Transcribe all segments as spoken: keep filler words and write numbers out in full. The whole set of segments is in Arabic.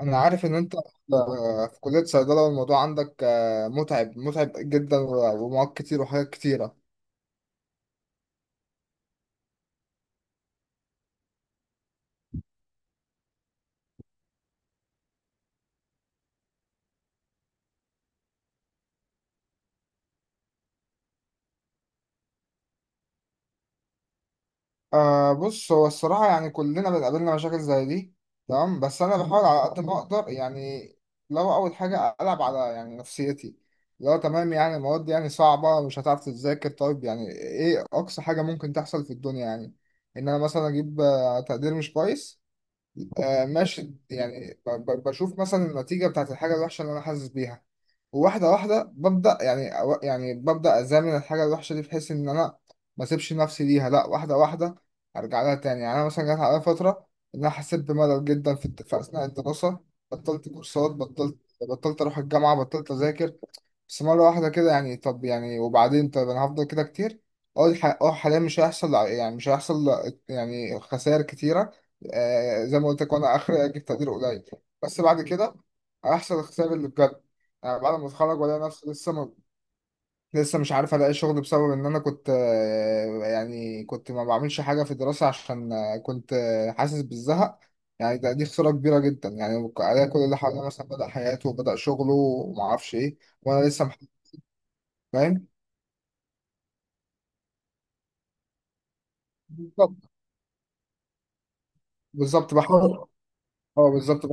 انا عارف ان انت في كلية صيدلة والموضوع عندك آه، متعب متعب جدا و- ومواد كتير وحاجات كتيرة. آه بص، هو الصراحة يعني كلنا بنقابلنا مشاكل زي دي. تمام، بس أنا بحاول على قد ما أقدر يعني. لو أول حاجة ألعب على يعني نفسيتي، لو تمام يعني المواد يعني صعبة مش هتعرف تذاكر، طيب يعني إيه أقصى حاجة ممكن تحصل في الدنيا؟ يعني إن أنا مثلا أجيب آه، تقدير مش كويس. آه ماشي، يعني ب- ب- بشوف مثلا النتيجة بتاعت الحاجة الوحشة اللي أنا حاسس بيها، وواحدة واحدة ببدأ، يعني أو- يعني ببدأ أزامن الحاجة الوحشة دي بحيث إن أنا ما أسيبش نفسي ليها، لأ، واحدة واحدة أرجع لها تاني. يعني أنا مثلا جات عليا فترة إن أنا حسيت بملل جدا في الت- في أثناء الدراسة. بطلت كورسات، بطلت بطلت أروح الجامعة، بطلت أذاكر. بس مرة واحدة كده، يعني طب يعني وبعدين؟ طب أنا هفضل كده كتير؟ أقول ح- أه حاليا مش هيحصل، يعني مش هيحصل يعني خسائر كتيرة. آه زي ما قلت لك، وأنا آخر أجيب تقدير قليل، بس بعد كده هيحصل الخسائر اللي بجد. انا بعد ما اتخرج والاقي نفسي لسه ما لسه مش عارف الاقي شغل، بسبب ان انا كنت آه، يعني كنت ما بعملش حاجه في الدراسه عشان آه، كنت آه، حاسس بالزهق. يعني ده دي خساره كبيره جدا، يعني الاقي كل اللي حواليا مثلا بدا حياته وبدا شغله وما اعرفش ايه، وانا لسه مح-. فاهم. بالظبط. بالظبط بحاول. اه، بالظبط.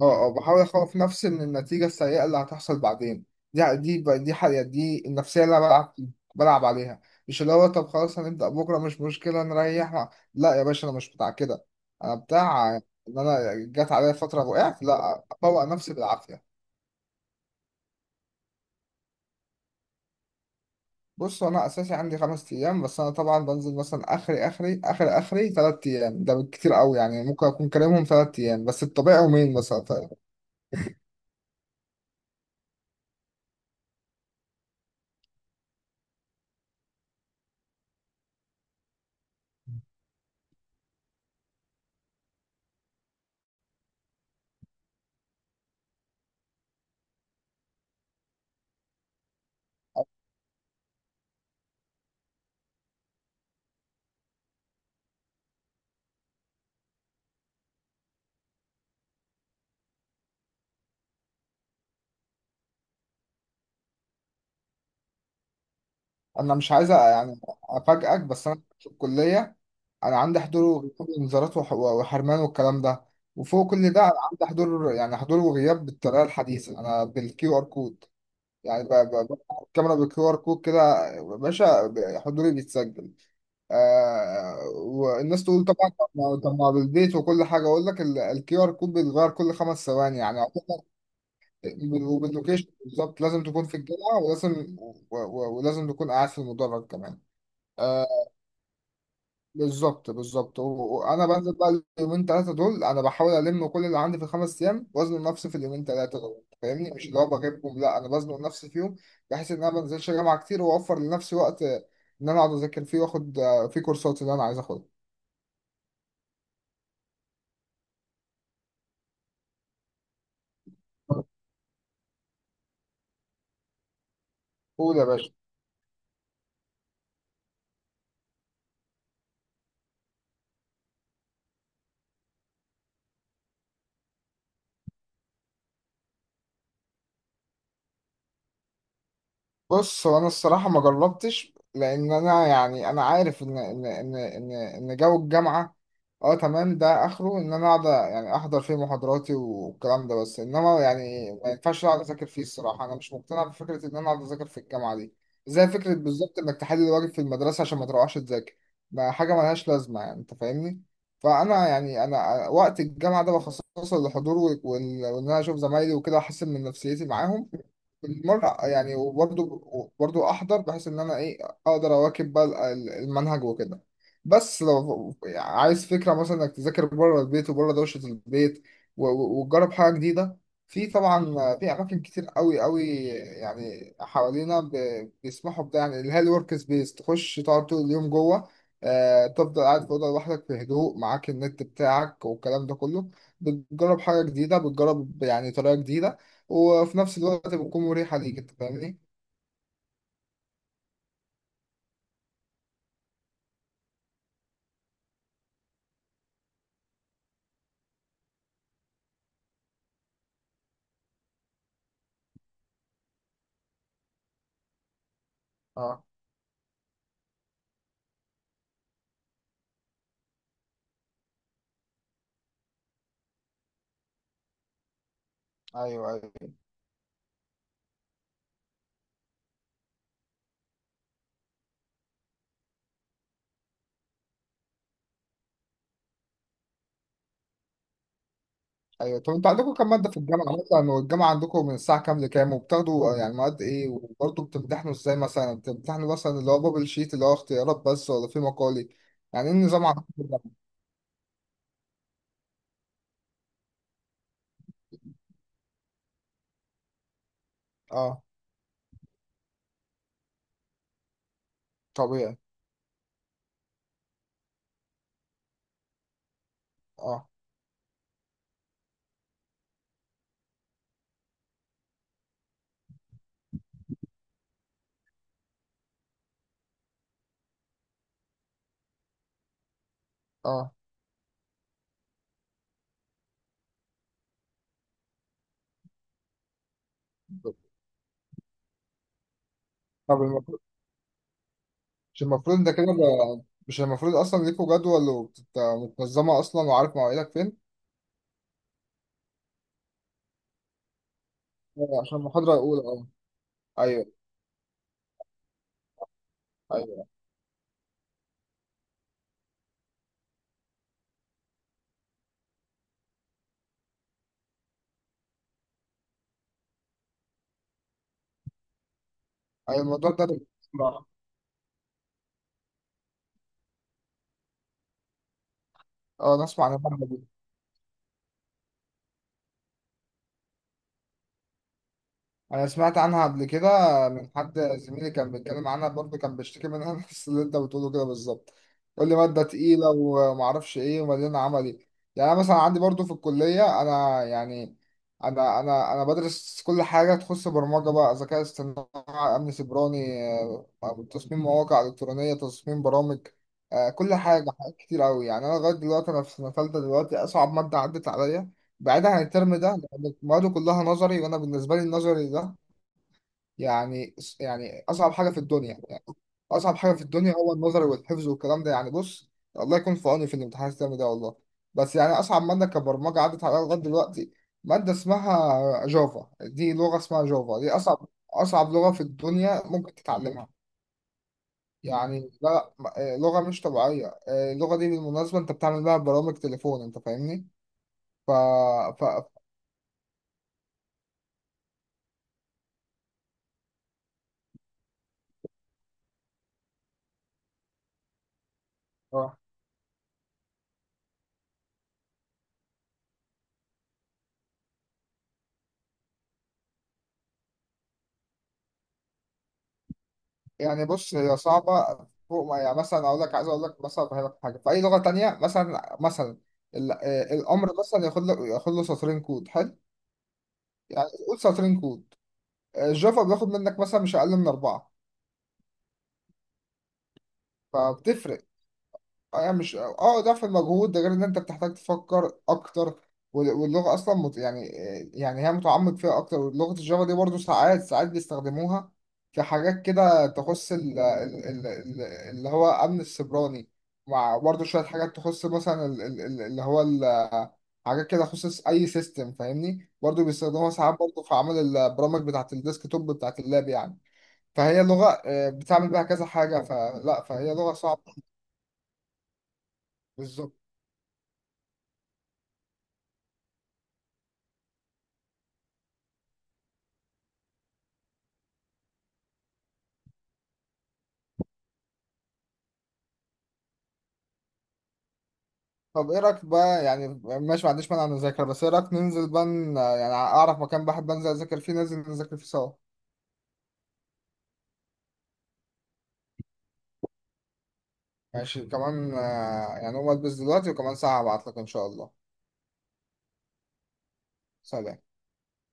اه، اه، بحاول اخوف نفسي من النتيجة السيئة اللي هتحصل بعدين. دي دي دي حقيقة، دي النفسية اللي انا بلعب، بلعب عليها. مش اللي هو طب خلاص هنبدأ بكرة مش مشكلة نريح، لا يا باشا، انا مش بتاع كده. انا بتاع ان انا جت عليا فترة وقعت لا افوق نفسي بالعافية. بص، انا اساسي عندي خمس ايام، بس انا طبعا بنزل مثلا اخري اخري اخر اخري ثلاث ايام، ده بالكتير قوي. يعني ممكن اكون كلامهم ثلاث ايام، بس الطبيعي يومين مثلا، طيب. انا مش عايز يعني افاجئك، بس انا في الكلية انا عندي حضور وغياب، انذارات وح- وحرمان والكلام ده. وفوق كل ده انا عندي حضور، يعني حضور وغياب بالطريقه الحديثه، انا بالكيو ار كود. يعني ب- ب- ب- الكاميرا بالكيو ار كود، كده يا باشا ب- حضوري بيتسجل. آه والناس تقول طبعا طب ما، طب ما بالبيت وكل حاجه. اقول لك الكيو ار كود بيتغير كل خمس ثواني، يعني يعتبر بال- وباللوكيشن، بالظبط لازم تكون في الجامعه، ولازم و- و- ولازم تكون قاعد في المدرج كمان. آه، بالظبط بالظبط، و- وانا بنزل بقى اليومين ثلاثه دول، انا بحاول الم كل اللي عندي في الخمس ايام وازنق نفسي في اليومين ثلاثه دول، فاهمني؟ مش اللي هو بغيبهم، لا، انا بزنق نفسي فيهم، بحيث ان انا ما بنزلش جامعه كتير، واوفر لنفسي وقت ان انا اقعد اذاكر فيه، واخد آه، فيه كورسات اللي انا عايز اخدها. قول يا باشا. بص، هو انا الصراحه ما جربتش، لان انا يعني انا عارف ان ان ان ان ان جو الجامعه، اه تمام، ده اخره ان انا اقعد يعني احضر فيه محاضراتي والكلام ده، بس انما يعني ما ينفعش اقعد اذاكر فيه. الصراحه انا مش مقتنع بفكره ان انا اقعد اذاكر في الجامعه دي. زي فكره بالظبط انك تحل الواجب في المدرسه عشان ما تروحش تذاكر، ما حاجه ملهاش لازمه، يعني انت فاهمني. فانا يعني انا وقت الجامعه ده بخصصه للحضور وال- وان انا اشوف زمايلي وكده، احسن من نفسيتي معاهم بالمرة يعني، وبرضه وبرضه أحضر بحيث إن أنا إيه؟ أقدر أواكب بقى ال- المنهج وكده. بس لو عايز فكرة مثلا إنك تذاكر بره البيت وبره دوشة البيت و- و- وتجرب حاجة جديدة، في طبعا في أماكن كتير قوي قوي يعني حوالينا ب- بيسمحوا بده، يعني اللي هي الورك سبيس، تخش تقعد طول اليوم جوه. آه، تفضل قاعد في أوضة لوحدك في هدوء، معاك النت بتاعك والكلام ده كله، بتجرب حاجة جديدة، بتجرب يعني طريقة جديدة، وفي نفس الوقت بتكون مريحة ليك. أنت فاهمني؟ اه، ايوه، ايوه. أيوه، طب أنتوا عندكم كام مادة في الجامعة مثلا؟ والجامعة عندكم من الساعة كام لكام؟ وبتاخدوا آه، يعني مواد إيه؟ وبرضه بتمتحنوا إزاي مثلا؟ يعني بتمتحنوا مثلا اللي هو بابل شيت اللي هو اختيارات بس، ولا في مقالي؟ يعني إيه النظام عندكم في الجامعة؟ أه، طبيعي. اه، اه. طب المفروض، مش المفروض ده كده بقى، مش المفروض أصلا ليكوا جدول ومتنظمة أصلا وعارف مواعيدك فين؟ آه، عشان المحاضرة الأولى، أه. ايوه، ايوه. أيوة، الموضوع ده أنا بسمع-. أه، نسمع عن المادة دي. انا سمعت عنها قبل كده من حد زميلي كان بيتكلم عنها، برضه كان بيشتكي منها نفس اللي انت بتقوله كده بالظبط، يقول لي ماده تقيله ومعرفش ايه ومليانه عملي. يعني انا مثلا عندي برضه في الكليه، انا يعني انا انا انا بدرس كل حاجه تخص برمجه بقى، ذكاء اصطناعي، امن سيبراني، آه، تصميم مواقع الكترونيه، تصميم برامج، آه، كل حاجه، حاجات كتير قوي. يعني انا لغايه دلوقتي انا في سنه ثالثه دلوقتي، اصعب ماده عدت عليا بعيدا عن الترم ده لأن المواد كلها نظري، وانا بالنسبه لي النظري ده يعني يعني اصعب حاجه في الدنيا. يعني اصعب حاجه في الدنيا هو النظر والحفظ والكلام ده، يعني بص، الله يكون في عوني في الامتحان السنه ده والله. بس يعني اصعب ماده كبرمجه عدت عليا لغايه دلوقتي، ماده اسمها جافا، دي لغه اسمها جافا، دي اصعب اصعب لغه في الدنيا ممكن تتعلمها. يعني لا م- آه، لغه مش طبيعيه، آه، اللغه دي بالمناسبه انت بتعمل بيها برامج تليفون، انت فاهمني؟ ف... ف... يعني بص، هي صعبة. فوق ما يعني مثلا، أقول لك عايز أقول لك مثلا أفهمك حاجة في أي لغة تانية، مثلا مثلا ال- آه، الأمر مثلا ياخد له ياخد له سطرين كود حلو، يعني قول سطرين كود. آه، الجافا بياخد منك مثلا مش أقل من أربعة. فبتفرق. آه، يعني مش اه ضعف المجهود ده، غير ان انت بتحتاج تفكر اكتر، وال- واللغه اصلا مت... يعني آه، يعني هي متعمق فيها اكتر، ولغه الجافا دي برضو ساعات ساعات بيستخدموها في حاجات كده تخص ال... ال... ال... ال- اللي هو امن السيبراني، مع برضو شويه حاجات تخص مثلا ال... ال... ال- اللي هو ال... حاجات كده تخص اي سيستم، فاهمني؟ برضو بيستخدموها ساعات برضو في عمل البرامج بتاعه الديسك توب بتاعه اللاب يعني، فهي لغه آه، بتعمل بيها كذا حاجه، فلا فهي لغه صعبه. بالظبط. طب ايه رايك بقى، يعني ماشي، ما عنديش مانع نذاكر، بس ايه رايك ننزل بقى، ن- يعني اعرف مكان بحب انزل اذاكر فيه، ننزل نذاكر فيه سوا. ماشي كمان، آه، يعني اقوم البس دلوقتي وكمان ساعة هبعتلك ان شاء الله. سلام.